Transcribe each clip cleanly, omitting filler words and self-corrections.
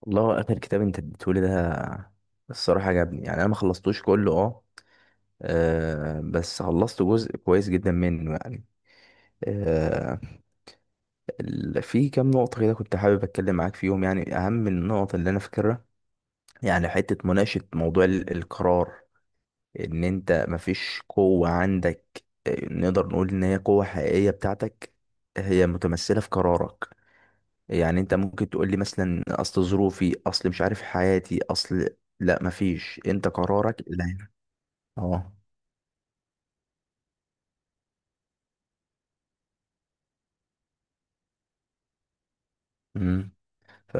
والله، اخر كتاب انت اديتهولي ده، الصراحه عجبني. يعني انا ما خلصتوش كله بس خلصت جزء كويس جدا منه. يعني آه، في كام نقطه كده كنت حابب اتكلم معاك فيهم، يعني اهم النقط اللي انا فاكرها. يعني حته مناقشه موضوع القرار، ان انت مفيش قوه عندك. نقدر نقول ان هي قوه حقيقيه بتاعتك، هي متمثله في قرارك. يعني انت ممكن تقول لي مثلا: اصل ظروفي، اصل مش عارف حياتي، اصل... لا، مفيش، انت قرارك اللي هينفع. اه امم ف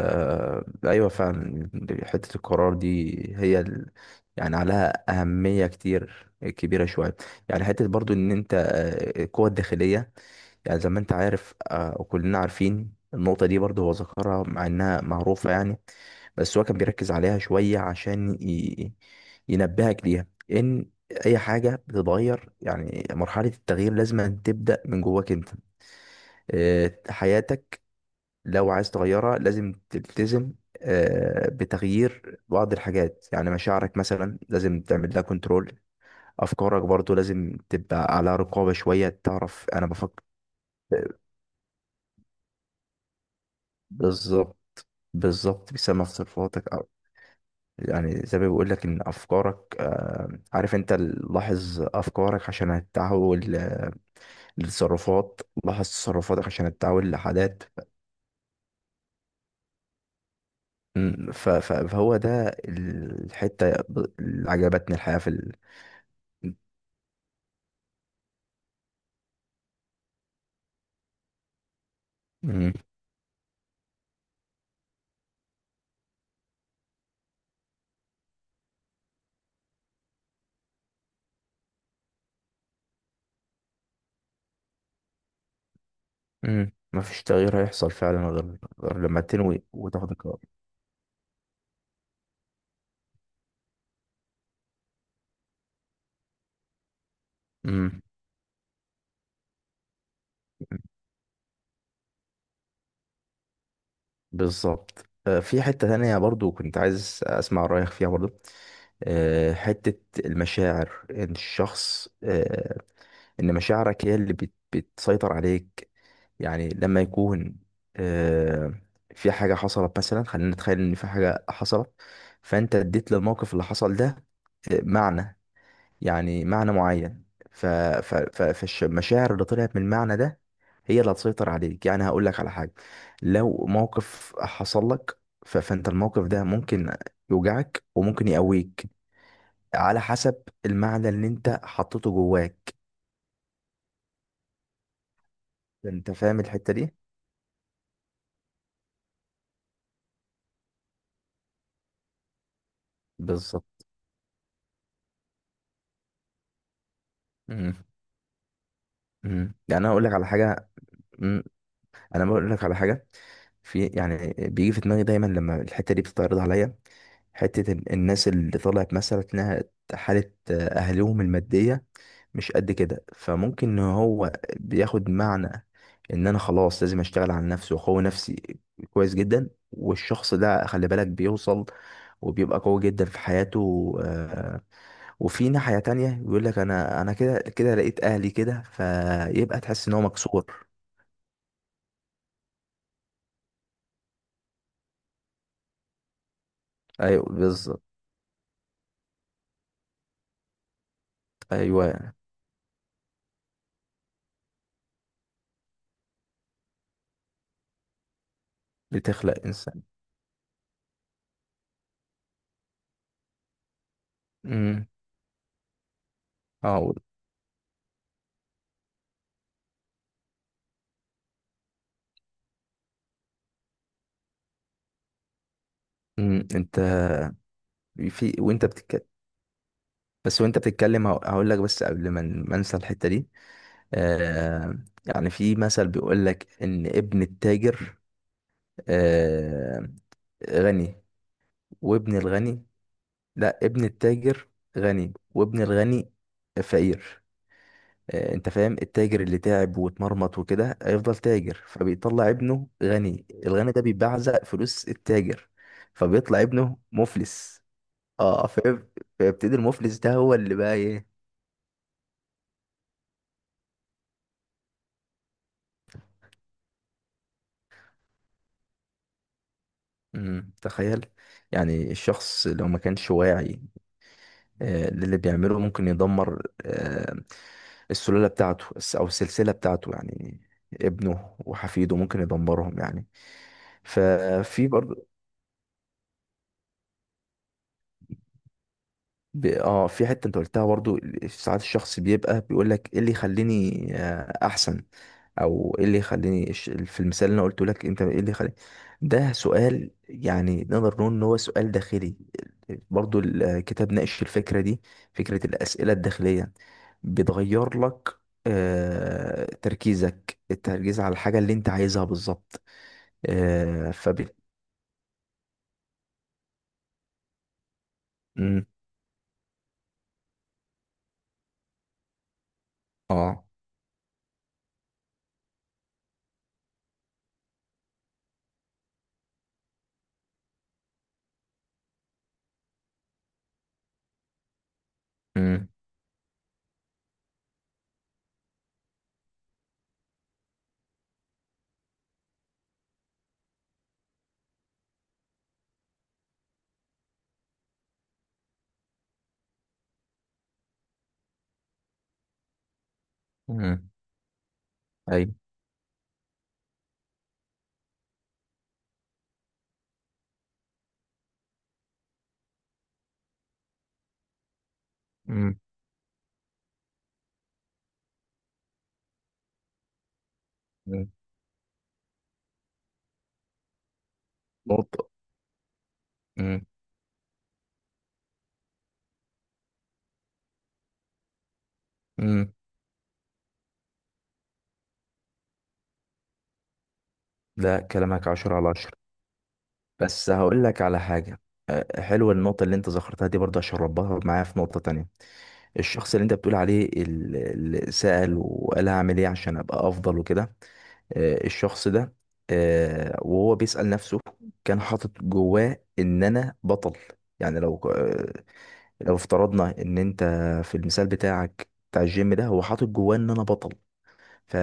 ايوه فعلا. حته القرار دي هي ال... يعني عليها اهميه كتير كبيره شويه. يعني حته برضو ان انت القوه الداخليه، يعني زي ما انت عارف وكلنا عارفين النقطة دي، برضه هو ذكرها مع انها معروفة يعني. بس هو كان بيركز عليها شوية عشان ينبهك ليها، ان اي حاجة بتتغير، يعني مرحلة التغيير لازم أن تبدأ من جواك انت. حياتك لو عايز تغيرها لازم تلتزم بتغيير بعض الحاجات، يعني مشاعرك مثلا لازم تعمل لها كنترول، افكارك برضو لازم تبقى على رقابة شوية، تعرف انا بفكر. آه، بالظبط، بالظبط بيسمع في تصرفاتك أو... يعني زي ما بيقول لك ان افكارك عارف انت لاحظ افكارك عشان هتتحول لتصرفات، لاحظ تصرفاتك عشان هتتحول لعادات. فهو ده الحتة اللي عجبتني م، م، مفيش تغيير هيحصل فعلا غير لما تنوي وتاخد قرار. مم. بالظبط. في حتة تانية برضو كنت عايز أسمع رأيك فيها برضو. حتة المشاعر، إن الشخص إن مشاعرك هي اللي بتسيطر عليك. يعني لما يكون آه، في حاجة حصلت مثلا، خلينا نتخيل إن في حاجة حصلت، فأنت اديت للموقف اللي حصل ده معنى، يعني معنى معين. فالمشاعر اللي طلعت من المعنى ده هي اللي هتسيطر عليك. يعني هقول لك على حاجة: لو موقف حصل لك فانت الموقف ده ممكن يوجعك وممكن يقويك على حسب المعنى اللي انت حطيته جواك. انت فاهم الحتة دي؟ بالظبط. مم. مم. انا بقول لك على حاجه. في، يعني بيجي في دماغي دايما لما الحته دي بتتعرض عليا. حته الناس اللي طلعت مثلا انها حاله اهلهم الماديه مش قد كده، فممكن ان هو بياخد معنى ان انا خلاص لازم اشتغل على نفسي واقوي نفسي كويس جدا، والشخص ده خلي بالك بيوصل وبيبقى قوي جدا في حياته. وفي ناحية تانية بيقول لك: انا كده كده لقيت اهلي كده، فيبقى تحس ان هو مكسور. ايوه، بالظبط. ايوه، بتخلق انسان. امم اه انت. في وانت بتتكلم بس وانت بتتكلم هقول لك، بس قبل ما ما انسى الحته دي. آه يعني في مثل بيقول لك ان ابن التاجر آه غني، وابن الغني... لا، ابن التاجر غني وابن الغني فقير. انت فاهم؟ التاجر اللي تعب واتمرمط وكده هيفضل تاجر فبيطلع ابنه غني، الغني ده بيبعزق فلوس التاجر فبيطلع ابنه مفلس. اه فيب- فيبتدي المفلس ده هو اللي بقى ايه. مم، تخيل. يعني الشخص لو ما كانش واعي للي بيعمله ممكن يدمر السلالة بتاعته، الس- او السلسلة بتاعته يعني، ابنه وحفيده ممكن يدمرهم يعني. ففي برضو ب... اه في حتة انت قلتها برضو، ساعات الشخص بيبقى بيقول لك ايه اللي يخليني احسن، او ايه اللي يخليني في المثال اللي انا قلته لك، انت ايه اللي يخليني. ده سؤال، يعني نقدر نقول ان هو سؤال داخلي. برضو الكتاب ناقش الفكرة دي، فكرة الأسئلة الداخلية، بتغير لك تركيزك، التركيز على الحاجة اللي انت عايزها بالظبط. آه، فب مم. اه. مم. مم. اي. مم. مم. نقطة. مم. مم. لا، كلامك 10/10. بس هقول لك على حاجة. حلوة النقطة اللي انت ذكرتها دي برضه، عشان ربطها معايا في نقطة تانية. الشخص اللي انت بتقول عليه اللي سأل وقال هعمل ايه عشان ابقى افضل وكده، الشخص ده وهو بيسأل نفسه كان حاطط جواه ان انا بطل. يعني لو افترضنا ان انت في المثال بتاعك بتاع الجيم ده هو حاطط جواه ان انا بطل. ف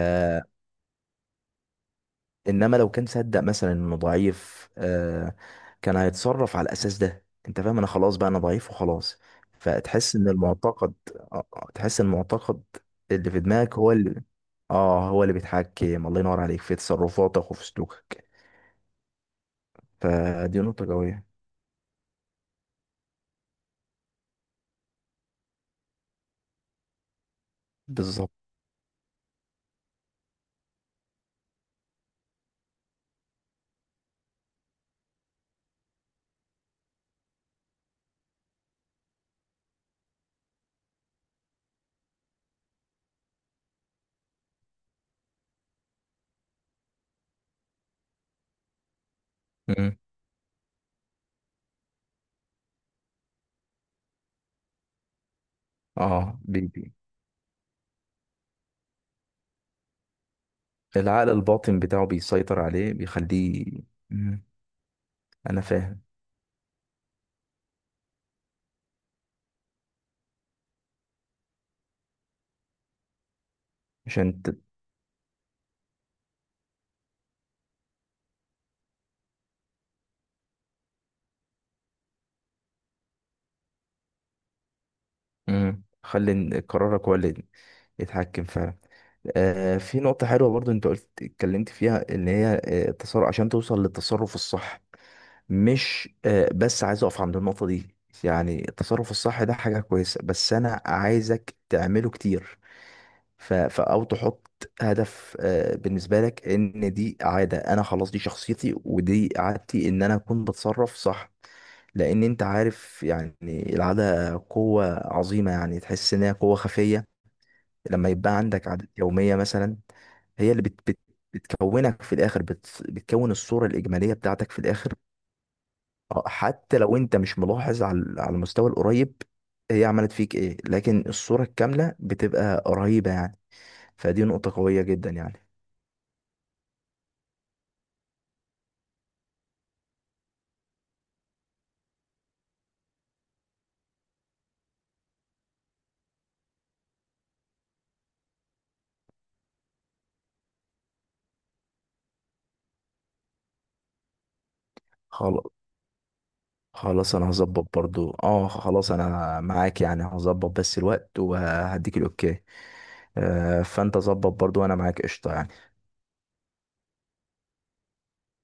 انما لو كان صدق مثلا انه ضعيف كان هيتصرف على الاساس ده. انت فاهم؟ انا خلاص بقى انا ضعيف وخلاص. فتحس ان المعتقد آه آه، تحس ان المعتقد اللي في دماغك هو اللي... اه، هو اللي بيتحكم. الله ينور عليك، في تصرفاتك وفي سلوكك، فدي نقطة قوية. بالظبط. مم. اه، بي بي العقل الباطن بتاعه بيسيطر عليه بيخليه. مم. انا فاهم. عشان ت... مم. خلي إن قرارك هو اللي يتحكم فعلا. في نقطة حلوة برضو انت اتكلمت فيها اللي هي التصرف، عشان توصل للتصرف الصح. مش بس عايز اقف عند النقطة دي. يعني التصرف الصح ده حاجة كويسة، بس انا عايزك تعمله كتير. او تحط هدف بالنسبة لك ان دي عادة، انا خلاص دي شخصيتي ودي عادتي ان انا اكون بتصرف صح. لان انت عارف يعني العادة قوة عظيمة، يعني تحس انها قوة خفية لما يبقى عندك عادات يومية مثلا. هي اللي بت بت بتكونك في الآخر، بتكون الصورة الإجمالية بتاعتك في الآخر. حتى لو أنت مش ملاحظ على المستوى القريب هي عملت فيك إيه، لكن الصورة الكاملة بتبقى قريبة يعني، فدي نقطة قوية جدا يعني. خلاص، خلاص أنا هظبط برضو. خلاص أنا معاك يعني، هظبط بس الوقت وهديك الأوكي. فأنت ظبط برضو وأنا معاك قشطة يعني.